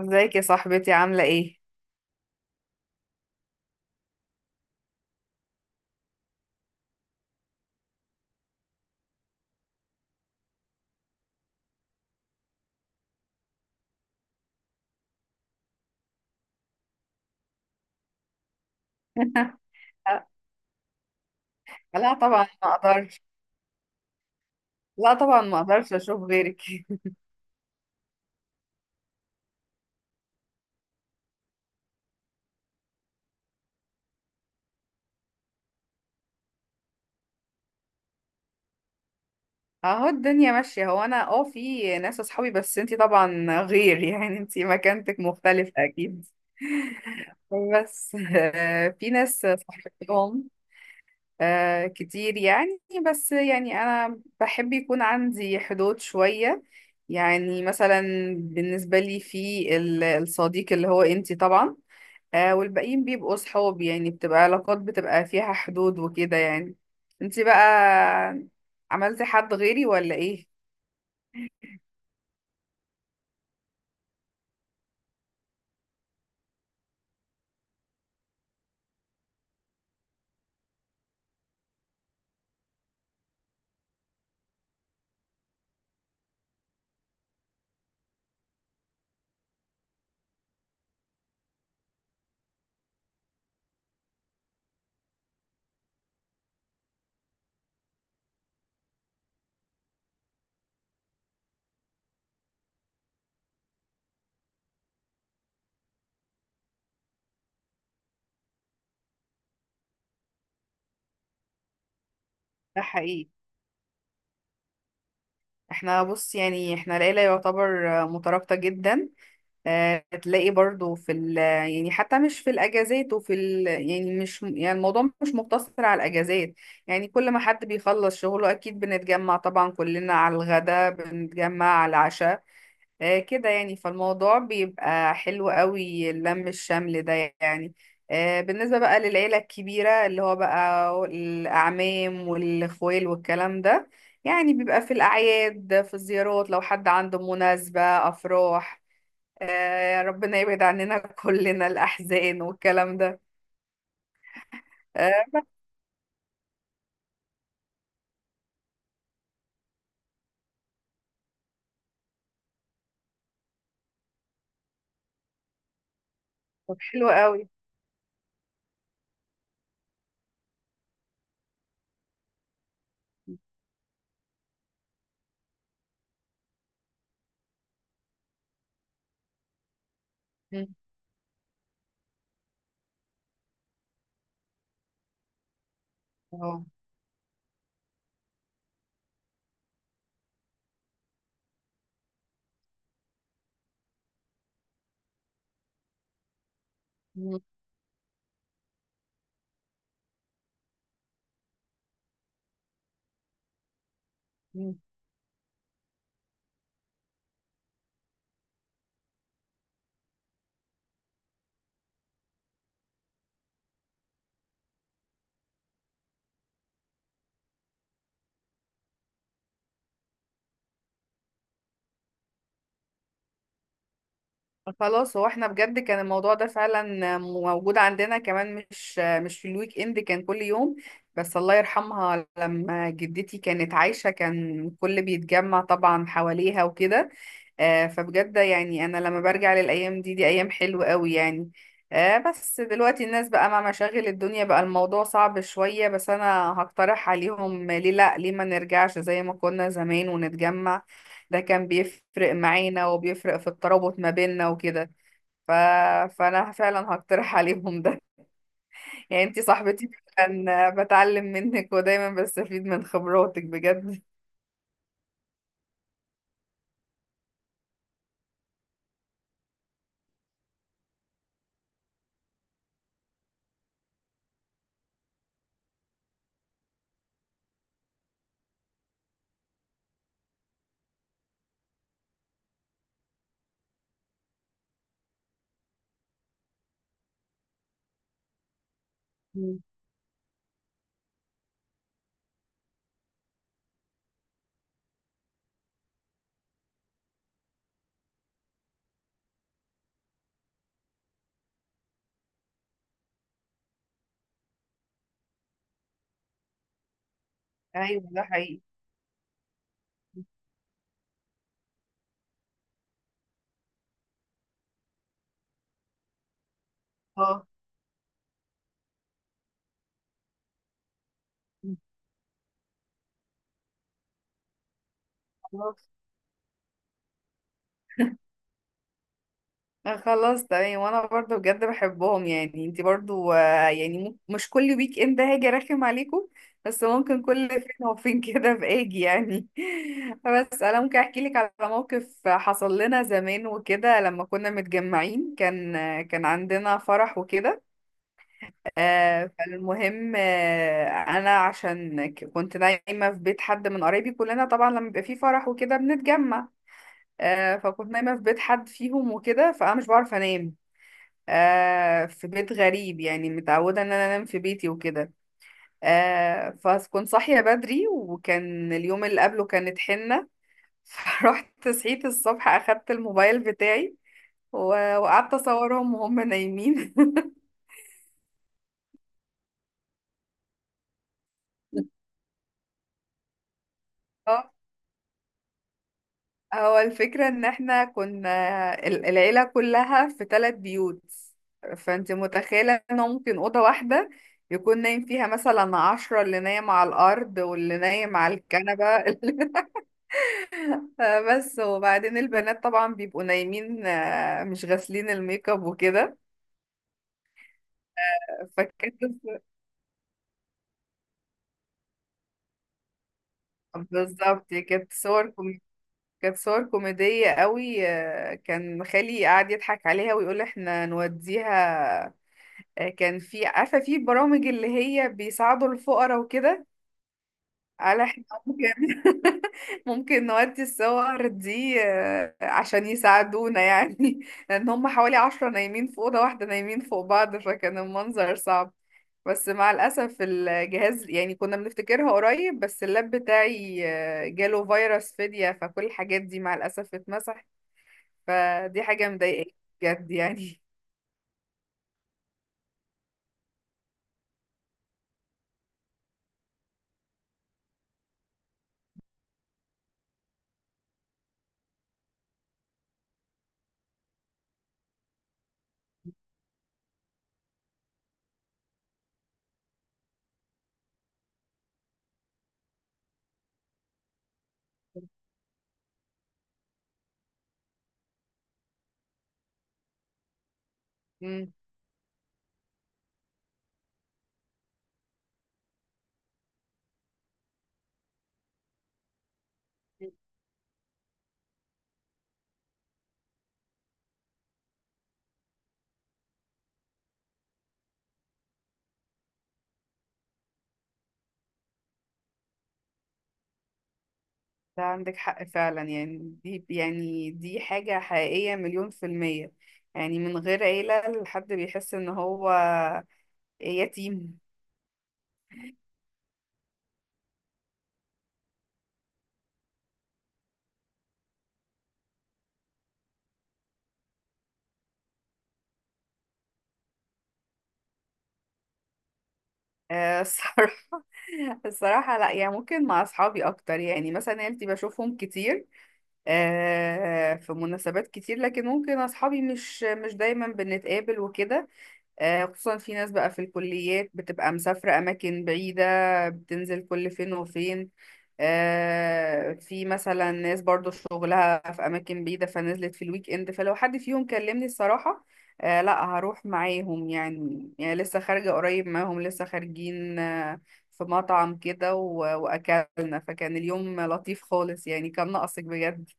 ازيك يا صاحبتي عاملة ايه؟ لا طبعا ما اقدرش. لا طبعا ما اقدرش اشوف غيرك. اهو الدنيا ماشية. هو انا في ناس اصحابي، بس انتي طبعا غير، يعني انتي مكانتك مختلفة اكيد. بس في ناس صاحبتهم كتير يعني. بس يعني انا بحب يكون عندي حدود شوية، يعني مثلا بالنسبة لي في الصديق اللي هو انتي طبعا. والباقيين بيبقوا صحاب، يعني بتبقى علاقات بتبقى فيها حدود وكده يعني. انتي بقى عملتي حد غيري ولا ايه؟ ده حقيقي. احنا بص، يعني احنا العيلة يعتبر مترابطة جدا. تلاقي برضو في يعني حتى مش في الاجازات، وفي يعني مش يعني الموضوع مش مقتصر على الاجازات. يعني كل ما حد بيخلص شغله اكيد بنتجمع طبعا كلنا على الغداء، بنتجمع على العشاء كده يعني، فالموضوع بيبقى حلو قوي اللم الشمل ده يعني. بالنسبة بقى للعيلة الكبيرة اللي هو بقى الأعمام والأخوال والكلام ده، يعني بيبقى في الأعياد، في الزيارات لو حد عنده مناسبة أفراح، ربنا يبعد عننا كلنا الأحزان والكلام ده. آه، طب حلو قوي. مم. أهو. مم. خلاص، هو احنا بجد كان الموضوع ده فعلا موجود عندنا كمان، مش في الويك اند، كان كل يوم. بس الله يرحمها لما جدتي كانت عايشة كان كل بيتجمع طبعا حواليها وكده. فبجد يعني انا لما برجع للايام دي، دي ايام حلوة قوي يعني. بس دلوقتي الناس بقى مع مشاغل الدنيا بقى الموضوع صعب شوية، بس انا هقترح عليهم، ليه لا، ليه ما نرجعش زي ما كنا زمان ونتجمع؟ ده كان بيفرق معانا وبيفرق في الترابط ما بيننا وكده. ف... فانا فعلا هقترح عليهم ده. يعني انتي صاحبتي، فعلا بتعلم منك ودايما بستفيد من خبراتك بجد. مم. ايوه، ده حقيقي. اه. خلاص. خلاص تمام. وانا برضو بجد بحبهم، يعني انتي برضو يعني مش كل ويك اند هاجي ارخم عليكم، بس ممكن كل فين وفين كده باجي يعني. بس انا ممكن احكي لك على موقف حصل لنا زمان وكده لما كنا متجمعين، كان عندنا فرح وكده. فالمهم، انا عشان كنت نايمه في بيت حد من قرايبي. كلنا طبعا لما بيبقى فيه فرح وكده بنتجمع، فكنت نايمه في بيت حد فيهم وكده، فانا مش بعرف انام في بيت غريب، يعني متعودة ان انا انام في بيتي وكده. فكنت صاحية بدري، وكان اليوم اللي قبله كانت حنة. فرحت صحيت الصبح، اخدت الموبايل بتاعي وقعدت اصورهم وهم نايمين. اه، هو الفكرة ان احنا كنا العيلة كلها في ثلاث بيوت، فانت متخيلة ان هو ممكن أوضة واحدة يكون نايم فيها مثلا 10، اللي نايم على الأرض واللي نايم على الكنبة. بس وبعدين البنات طبعا بيبقوا نايمين مش غاسلين الميك اب وكده. فكانت بالظبط، كانت صور كوميدية قوي. كان خالي قاعد يضحك عليها ويقول احنا نوديها. كان في، عارفة، في برامج اللي هي بيساعدوا الفقراء وكده، على احنا ممكن ممكن نودي الصور دي، عشان يساعدونا يعني. لان هم حوالي 10 نايمين في اوضه واحده، نايمين فوق بعض، فكان المنظر صعب. بس مع الاسف الجهاز، يعني كنا بنفتكرها قريب، بس اللاب بتاعي جاله فيروس فدية، فكل الحاجات دي مع الاسف اتمسحت. فدي حاجه مضايقاني بجد يعني. مم. ده عندك حق فعلا، يعني دي، يعني دي حاجة حقيقية مليون في المية، يعني من غير عيلة الحد بيحس ان هو يتيم. الصراحة. الصراحة لا، يعني ممكن مع اصحابي اكتر، يعني مثلا عيلتي بشوفهم كتير في مناسبات كتير، لكن ممكن اصحابي مش دايما بنتقابل وكده. خصوصا في ناس بقى في الكليات بتبقى مسافرة أماكن بعيدة، بتنزل كل فين وفين. في مثلا ناس برضو شغلها في أماكن بعيدة، فنزلت في الويك إند، فلو حد فيهم كلمني، الصراحة لا، هروح معاهم يعني لسه خارجة قريب معاهم، لسه خارجين في مطعم كده وأكلنا، فكان اليوم لطيف خالص، يعني كان ناقصك بجد.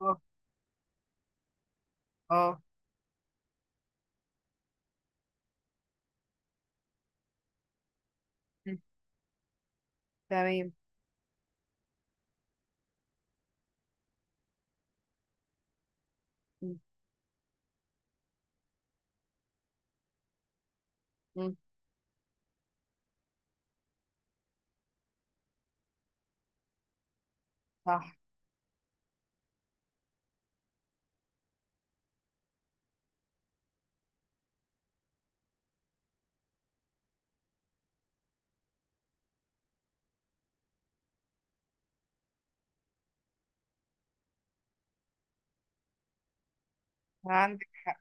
اه، اه، م، تمام، م- م- صح، عندك حق.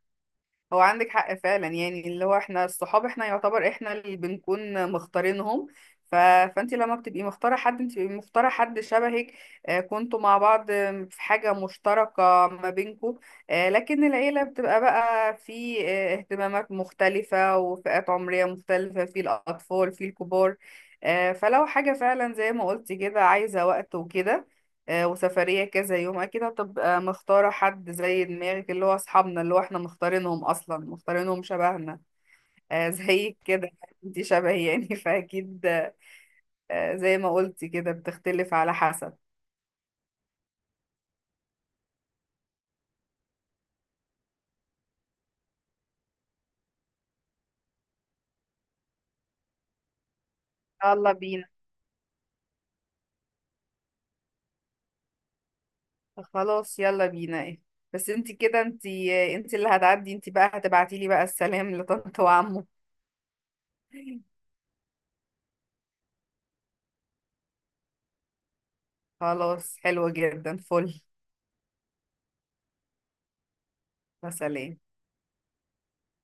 هو عندك حق فعلا، يعني اللي هو احنا الصحاب احنا يعتبر احنا اللي بنكون مختارينهم. ف... فانت لما بتبقي مختاره حد، انت بتبقي مختاره حد شبهك كنتوا مع بعض في حاجه مشتركه ما بينكوا. لكن العيله بتبقى بقى في اهتمامات مختلفه وفئات عمريه مختلفه، في الاطفال في الكبار. فلو حاجه فعلا زي ما قلتي كده عايزه وقت وكده وسفرية كذا يوم، أكيد هتبقى مختارة حد زي دماغك، اللي هو أصحابنا اللي هو احنا مختارينهم أصلا، مختارينهم شبهنا زيك كده. انتي شبهي يعني فأكيد زي ما قلتي كده بتختلف على حسب. يلا بينا. خلاص يلا بينا، ايه؟ بس انتي كده، انتي اللي هتعدي، انتي بقى هتبعتيلي بقى السلام لطنط وعمو. خلاص حلو جدا، فل. يا سلام.